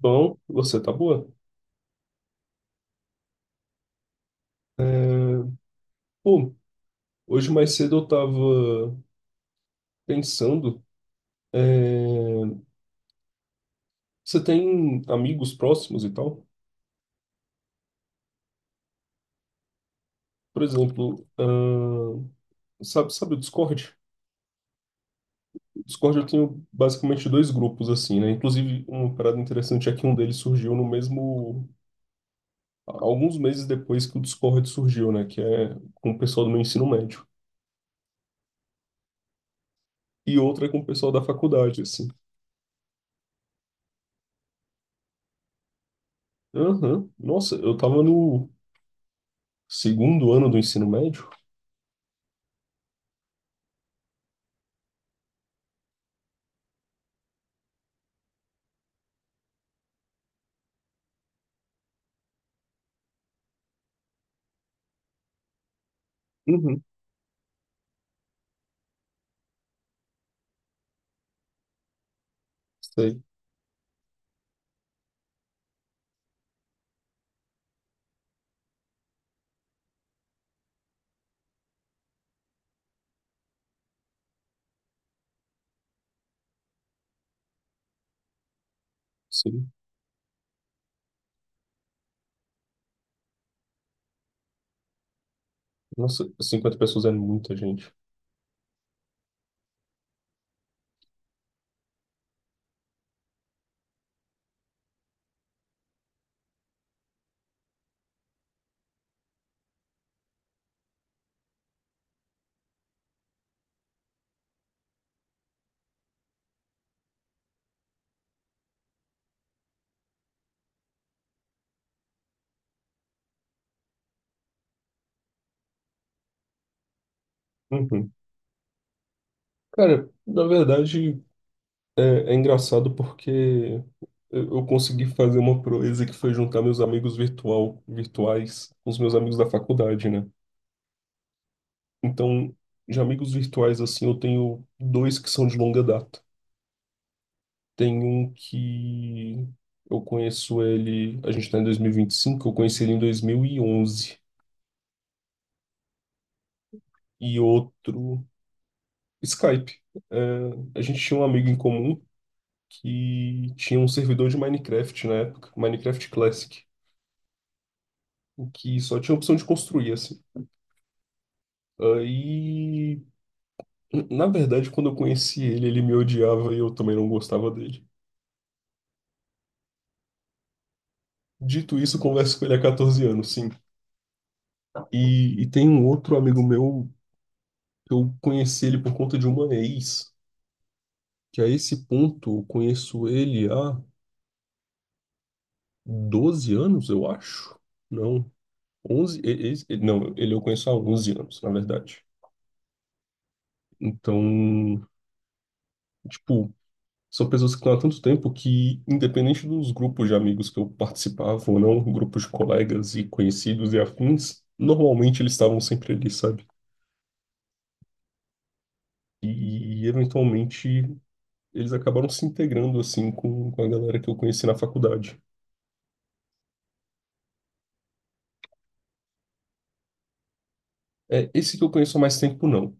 Bom, você tá boa? É. Pô, hoje mais cedo eu tava pensando, é, você tem amigos próximos e tal? Por exemplo, sabe o Discord? O Discord eu tenho basicamente dois grupos assim, né? Inclusive, uma parada interessante é que um deles surgiu no mesmo. Alguns meses depois que o Discord surgiu, né? Que é com o pessoal do meu ensino médio. E outra é com o pessoal da faculdade, assim. Aham. Nossa, eu tava no segundo ano do ensino médio? Uhum. Sei, sim. Nossa, 50 pessoas é muita gente. Uhum. Cara, na verdade, é, é engraçado porque eu consegui fazer uma proeza que foi juntar meus amigos virtuais com os meus amigos da faculdade, né? Então, de amigos virtuais, assim, eu tenho dois que são de longa data. Tem um que eu conheço ele, a gente tá em dois mil e vinte e cinco. Eu conheci ele em dois mil e onze e outro. Skype. É, a gente tinha um amigo em comum que tinha um servidor de Minecraft na época, Minecraft Classic, o que só tinha a opção de construir, assim. Aí, na verdade, quando eu conheci ele, ele me odiava e eu também não gostava dele. Dito isso, eu converso com ele há 14 anos, sim. E tem um outro amigo meu, eu conheci ele por conta de uma ex. Que a esse ponto eu conheço ele há 12 anos, eu acho. Não, 11 não, ele eu conheço há 11 anos, na verdade. Então, tipo, são pessoas que estão há tanto tempo que, independente dos grupos de amigos que eu participava ou não, grupos de colegas e conhecidos e afins, normalmente eles estavam sempre ali, sabe? E, e, eventualmente eles acabaram se integrando assim com a galera que eu conheci na faculdade. É, esse que eu conheço há mais tempo, não.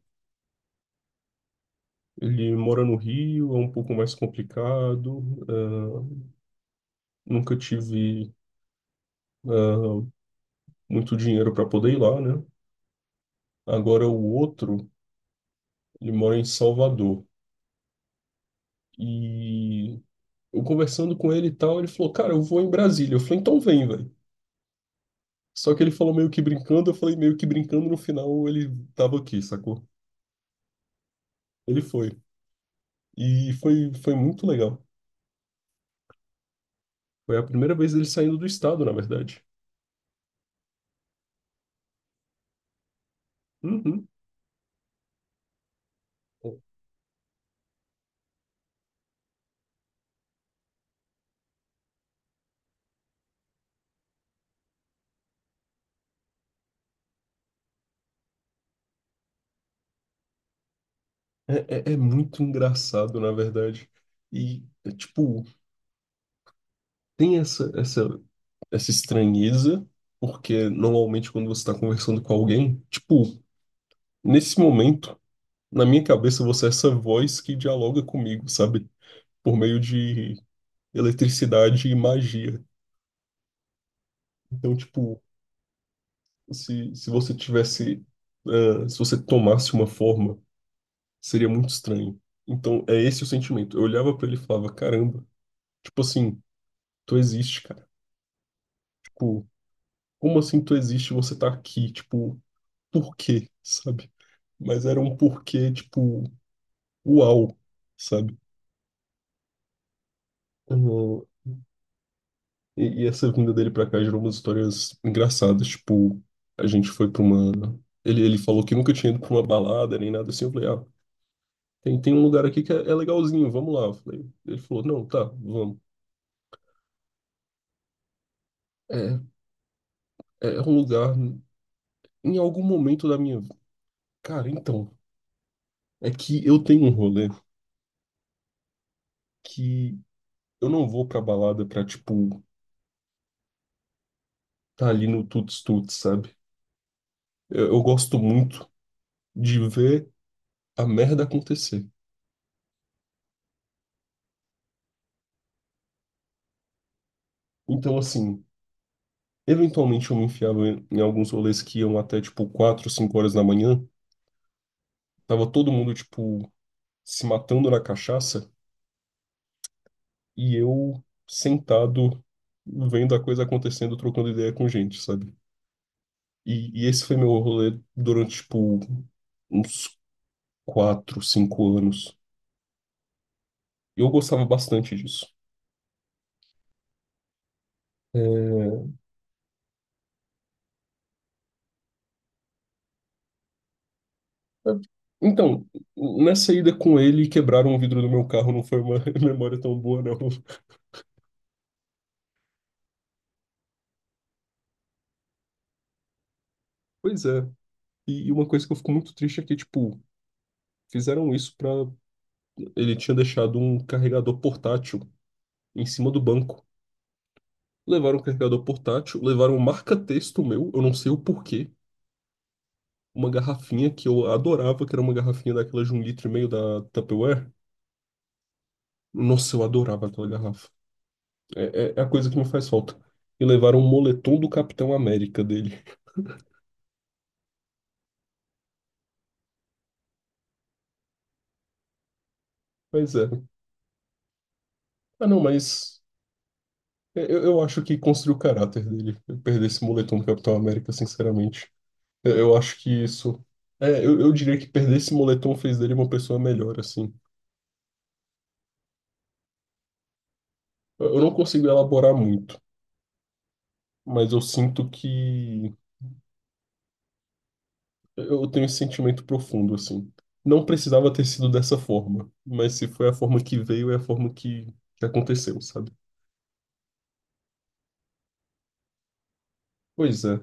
Ele mora no Rio, é um pouco mais complicado. ah, nunca tive ah, muito dinheiro para poder ir lá, né? Agora o outro, ele mora em Salvador. E eu conversando com ele e tal, ele falou: Cara, eu vou em Brasília. Eu falei: Então vem, velho. Só que ele falou meio que brincando, eu falei meio que brincando. No final, ele tava aqui, sacou? Ele foi. E foi muito legal. Foi a primeira vez dele saindo do estado, na verdade. Uhum. É muito engraçado, na verdade. E, tipo, tem essa, estranheza, porque normalmente quando você está conversando com alguém, tipo, nesse momento, na minha cabeça, você é essa voz que dialoga comigo, sabe? Por meio de eletricidade e magia. Então, tipo, se, se você tivesse, se você tomasse uma forma, seria muito estranho. Então, é esse o sentimento. Eu olhava para ele e falava, caramba, tipo assim, tu existe, cara. Tipo, como assim tu existe, e você tá aqui, tipo, por quê, sabe? Mas era um porquê, tipo, uau, sabe? Uhum. E essa vinda dele pra cá gerou umas histórias engraçadas, tipo, a gente foi pra uma. Ele falou que nunca tinha ido pra uma balada nem nada assim, eu falei, ah, tem um lugar aqui que é legalzinho, vamos lá. Eu falei, ele falou, não, tá, vamos. É, é um lugar, em algum momento da minha. Cara, então, é que eu tenho um rolê que eu não vou pra balada pra, tipo tá ali no tuts-tuts, sabe? Eu gosto muito de ver a merda acontecer. Então, assim, eventualmente eu me enfiava em alguns rolês que iam até, tipo, 4, 5 horas da manhã. Tava todo mundo, tipo, se matando na cachaça e eu sentado vendo a coisa acontecendo, trocando ideia com gente, sabe? E esse foi meu rolê durante, tipo, uns 4 5 anos. Eu gostava bastante disso. É. Então, nessa ida com ele, quebraram o vidro do meu carro, não foi uma memória tão boa, não. Pois é. E uma coisa que eu fico muito triste é que, tipo, fizeram isso pra. Ele tinha deixado um carregador portátil em cima do banco. Levaram o carregador portátil, levaram um marca-texto meu, eu não sei o porquê. Uma garrafinha que eu adorava, que era uma garrafinha daquela de um litro e meio da Tupperware. Nossa, eu adorava aquela garrafa. É, é a coisa que me faz falta. E levaram um moletom do Capitão América dele. Pois é. Ah, não, mas eu acho que construiu o caráter dele. Eu perder esse moletom do Capitão América, sinceramente. Eu acho que isso. É, eu diria que perder esse moletom fez dele uma pessoa melhor, assim. Eu não consigo elaborar muito, mas eu sinto que. Eu tenho esse sentimento profundo, assim. Não precisava ter sido dessa forma, mas se foi a forma que veio, é a forma que aconteceu, sabe? Pois é.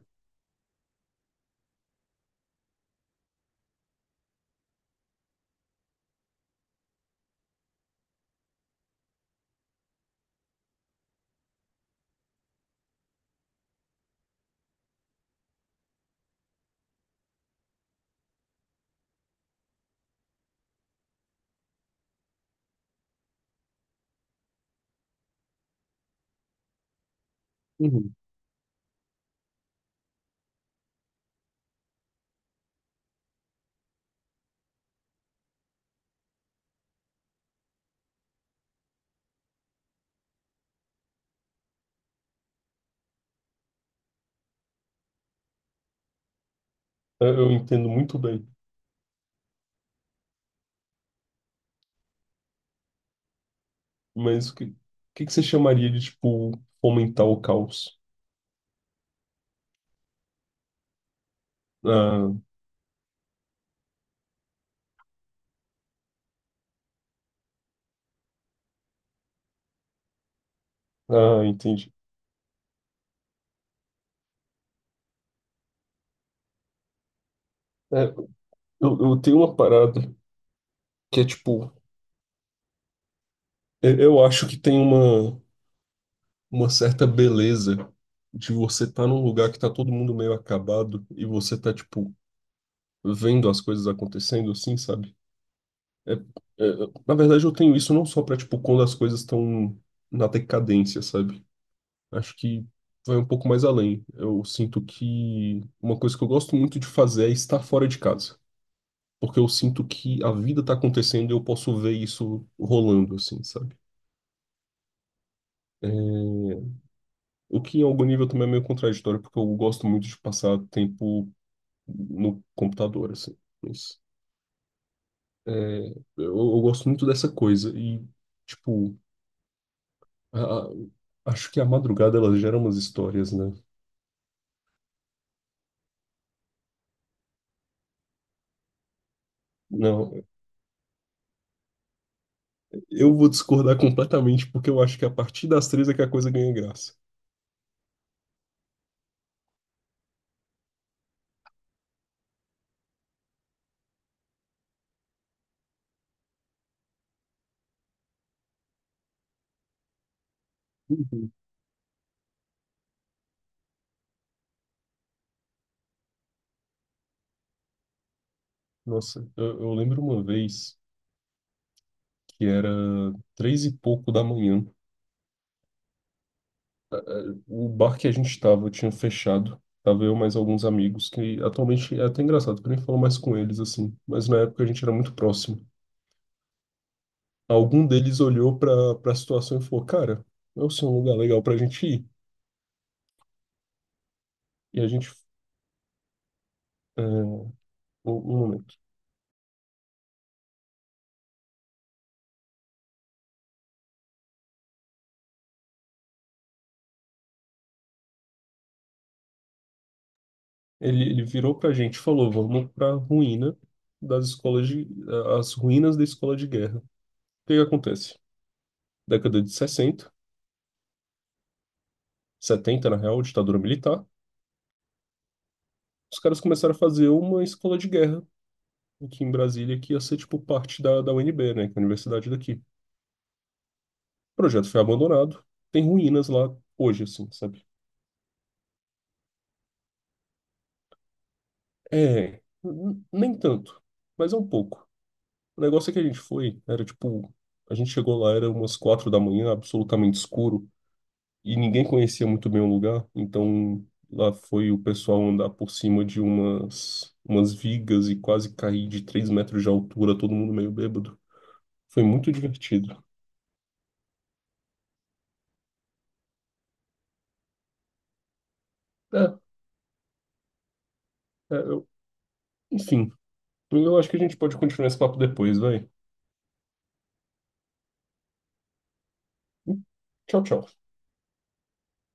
Uhum. Eu entendo muito bem, mas o que que você chamaria de, tipo, fomentar o caos? Ah, ah, entendi. É, eu tenho uma parada que é tipo, eu acho que tem uma certa beleza de você estar num lugar que tá todo mundo meio acabado e você tá, tipo, vendo as coisas acontecendo assim, sabe? É. Na verdade, eu tenho isso não só pra, tipo, quando as coisas estão na decadência, sabe? Acho que vai um pouco mais além. Eu sinto que uma coisa que eu gosto muito de fazer é estar fora de casa, porque eu sinto que a vida tá acontecendo e eu posso ver isso rolando, assim, sabe? É. O que em algum nível também é meio contraditório, porque eu gosto muito de passar tempo no computador, assim. Mas, é, eu gosto muito dessa coisa e, tipo, a- acho que a madrugada ela gera umas histórias, né? Não, eu vou discordar completamente, porque eu acho que a partir das três é que a coisa ganha graça. Uhum. Nossa, eu lembro uma vez que era três e pouco da manhã. O bar que a gente estava tinha fechado. Tava eu mais alguns amigos, que atualmente é até engraçado, porque eu nem falo mais com eles assim. Mas na época a gente era muito próximo. Algum deles olhou para a situação e falou: Cara, esse é um lugar legal pra gente ir. E a gente. é, um, um momento. Ele virou pra gente e falou: Vamos pra ruína das escolas de. As ruínas da escola de guerra. O que que acontece? Década de 60, 70 na real, ditadura militar. Os caras começaram a fazer uma escola de guerra aqui em Brasília, que ia ser, tipo, parte da UNB, né, que é a universidade daqui. O projeto foi abandonado, tem ruínas lá hoje, assim, sabe? É, nem tanto, mas é um pouco. O negócio é que a gente foi, era tipo, a gente chegou lá, era umas 4 da manhã, absolutamente escuro, e ninguém conhecia muito bem o lugar, então lá foi o pessoal andar por cima de umas vigas e quase cair de 3 metros de altura, todo mundo meio bêbado. Foi muito divertido. É, é, eu- enfim. Eu acho que a gente pode continuar esse papo depois, vai. Tchau, tchau.